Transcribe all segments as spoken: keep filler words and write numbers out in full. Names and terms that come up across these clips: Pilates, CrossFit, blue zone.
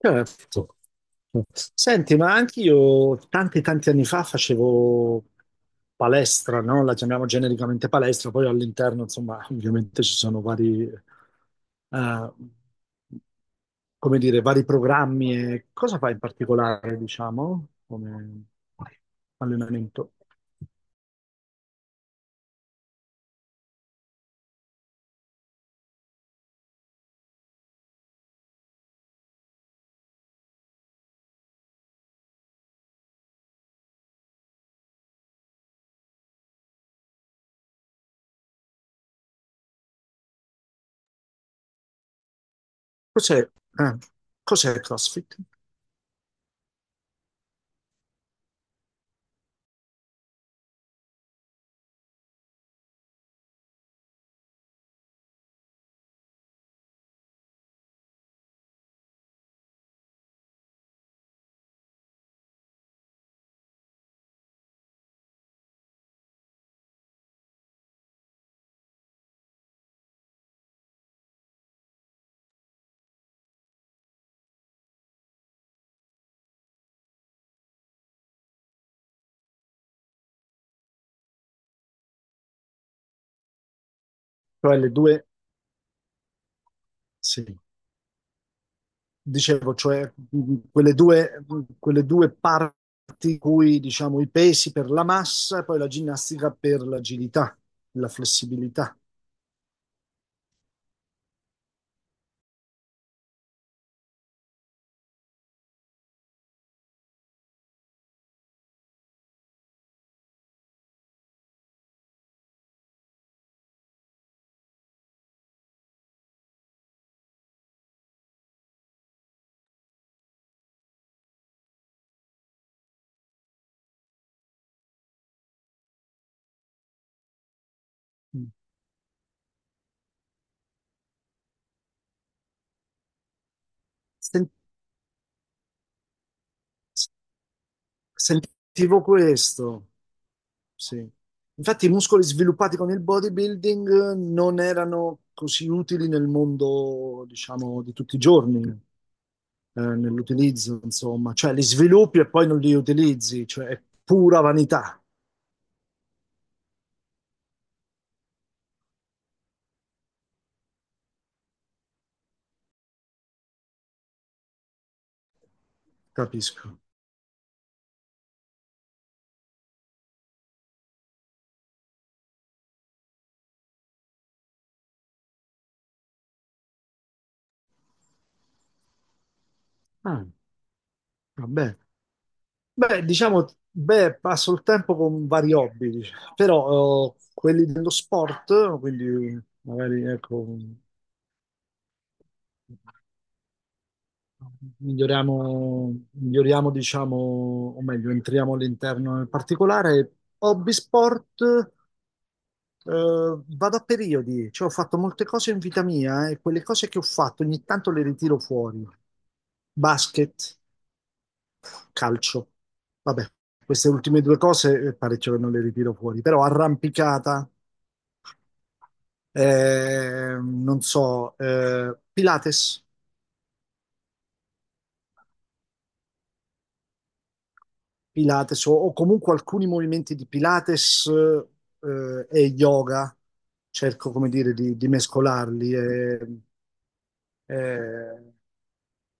Certo, certo. Senti, ma anche io tanti tanti anni fa facevo palestra, no? La chiamiamo genericamente palestra, poi all'interno, insomma, ovviamente ci sono vari, eh, come dire, vari programmi. E cosa fai in particolare, diciamo, come allenamento? Cos'è? Eh, cos'è il CrossFit? Cioè le due, sì. Dicevo, cioè mh, quelle due, mh, quelle due parti in cui diciamo i pesi per la massa e poi la ginnastica per l'agilità, la flessibilità. Mm. Sen- Sentivo questo, sì. Infatti i muscoli sviluppati con il bodybuilding eh, non erano così utili nel mondo, diciamo, di tutti i giorni, eh, nell'utilizzo, insomma. Cioè li sviluppi e poi non li utilizzi, cioè è pura vanità, capisco. Ah, vabbè. Beh, diciamo, beh, passo il tempo con vari hobby, diciamo. Però eh, quelli dello sport, quindi magari ecco, miglioriamo, miglioriamo, diciamo, o meglio, entriamo all'interno nel particolare. Hobby sport, eh, vado a periodi, cioè ho fatto molte cose in vita mia eh, e quelle cose che ho fatto ogni tanto le ritiro fuori. Basket, calcio. Vabbè, queste ultime due cose eh, parecchio che non le ritiro fuori, però arrampicata, eh, non so, eh, Pilates, Pilates o, o comunque alcuni movimenti di Pilates eh, e yoga, cerco come dire di, di mescolarli. E, e-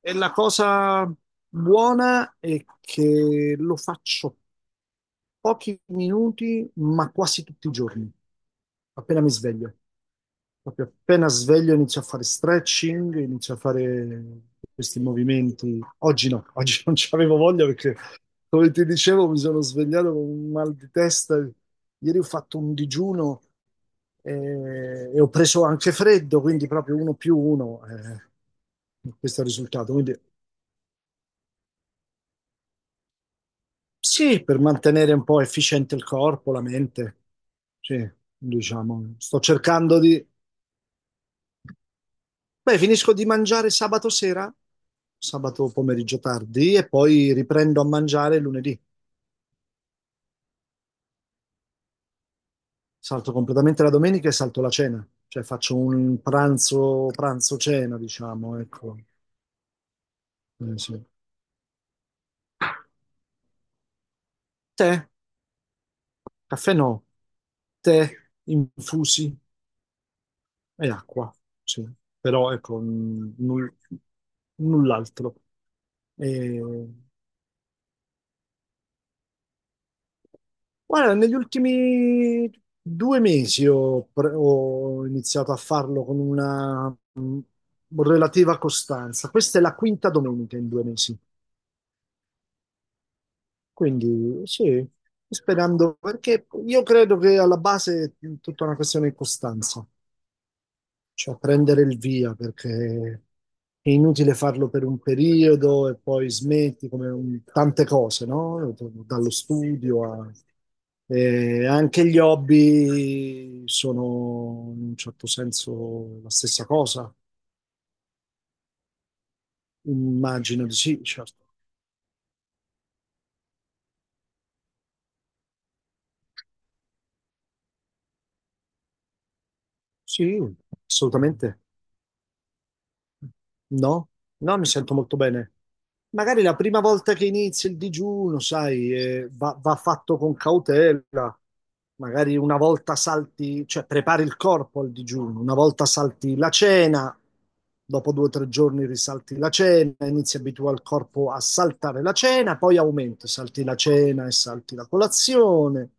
e la cosa buona è che lo faccio pochi minuti, ma quasi tutti i giorni, appena mi sveglio. Proprio appena sveglio inizio a fare stretching, inizio a fare questi movimenti. Oggi no, oggi non c'avevo voglia perché, come ti dicevo, mi sono svegliato con un mal di testa. Ieri ho fatto un digiuno eh, e ho preso anche freddo, quindi proprio uno più uno. Eh, questo è il risultato. Quindi sì, per mantenere un po' efficiente il corpo, la mente. Sì, diciamo, sto cercando di. Beh, finisco di mangiare sabato sera, sabato pomeriggio tardi, e poi riprendo a mangiare lunedì. Salto completamente la domenica e salto la cena, cioè faccio un pranzo, pranzo-cena, diciamo, ecco. Eh, sì. Tè, caffè no, tè, infusi e acqua, sì. Però ecco, n- null- null'altro. E... Guarda, negli ultimi due mesi ho, pre- ho iniziato a farlo con una mh, relativa costanza. Questa è la quinta domenica in due mesi. Quindi sì, sperando, perché io credo che alla base è tutta una questione di costanza, cioè prendere il via, perché è inutile farlo per un periodo e poi smetti come un- tante cose, no? Dallo studio a... e anche gli hobby sono in un certo senso la stessa cosa, immagino di sì, certo. Sì, assolutamente. No, no, mi sento molto bene. Magari la prima volta che inizia il digiuno, sai, eh, va, va fatto con cautela. Magari una volta salti, cioè prepari il corpo al digiuno, una volta salti la cena, dopo due o tre giorni risalti la cena, inizi a abituare il corpo a saltare la cena, poi aumenti, salti la cena e salti la colazione.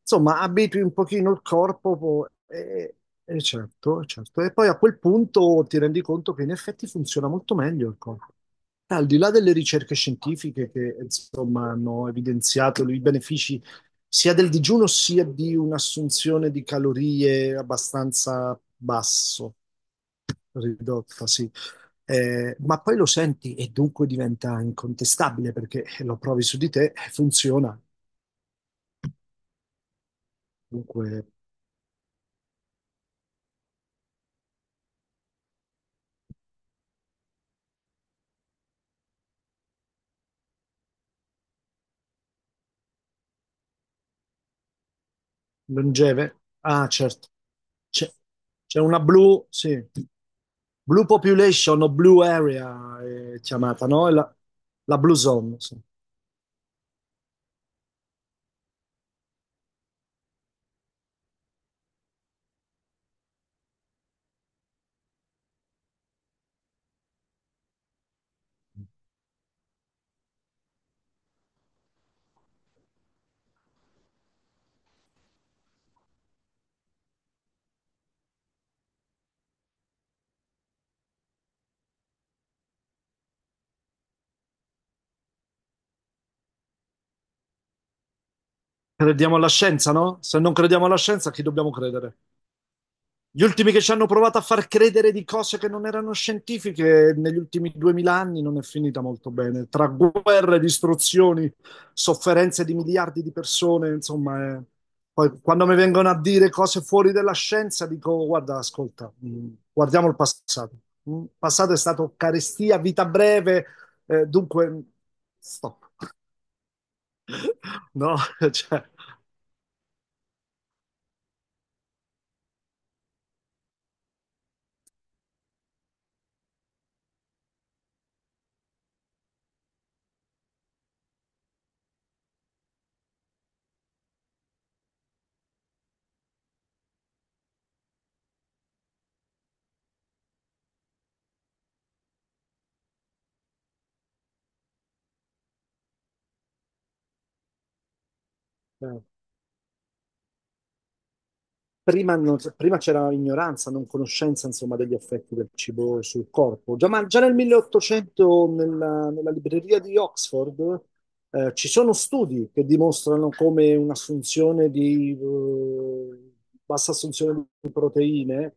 Insomma, abitui un pochino il corpo po- e, e certo, certo. E poi a quel punto ti rendi conto che in effetti funziona molto meglio il corpo. Al di là delle ricerche scientifiche che insomma hanno evidenziato i benefici sia del digiuno sia di un'assunzione di calorie abbastanza basso, ridotta, sì. Eh, ma poi lo senti e dunque diventa incontestabile perché lo provi su di te e funziona. Dunque. Longeve? Ah, certo. C'è c'è una blue, sì, blue population o blue area è chiamata, no? È la, la blue zone, sì. Crediamo alla scienza, no? Se non crediamo alla scienza, a chi dobbiamo credere? Gli ultimi che ci hanno provato a far credere di cose che non erano scientifiche negli ultimi duemila anni non è finita molto bene. Tra guerre, distruzioni, sofferenze di miliardi di persone, insomma, è- poi quando mi vengono a dire cose fuori della scienza, dico: guarda, ascolta, mh, guardiamo il passato. Mm, il passato è stato carestia, vita breve, eh, dunque, mh, stop. No, cioè, eh. Prima, non- prima c'era ignoranza, non conoscenza, insomma, degli effetti del cibo sul corpo. Già, ma già nel milleottocento, nella, nella libreria di Oxford, eh, ci sono studi che dimostrano come un'assunzione di, eh, bassa assunzione di proteine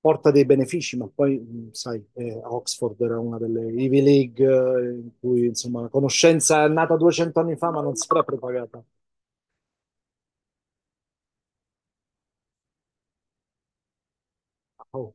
porta dei benefici, ma poi, mh, sai, eh, Oxford era una delle Ivy League, eh, in cui, insomma, la conoscenza è nata duecento anni fa, ma non si era propagata. Oh.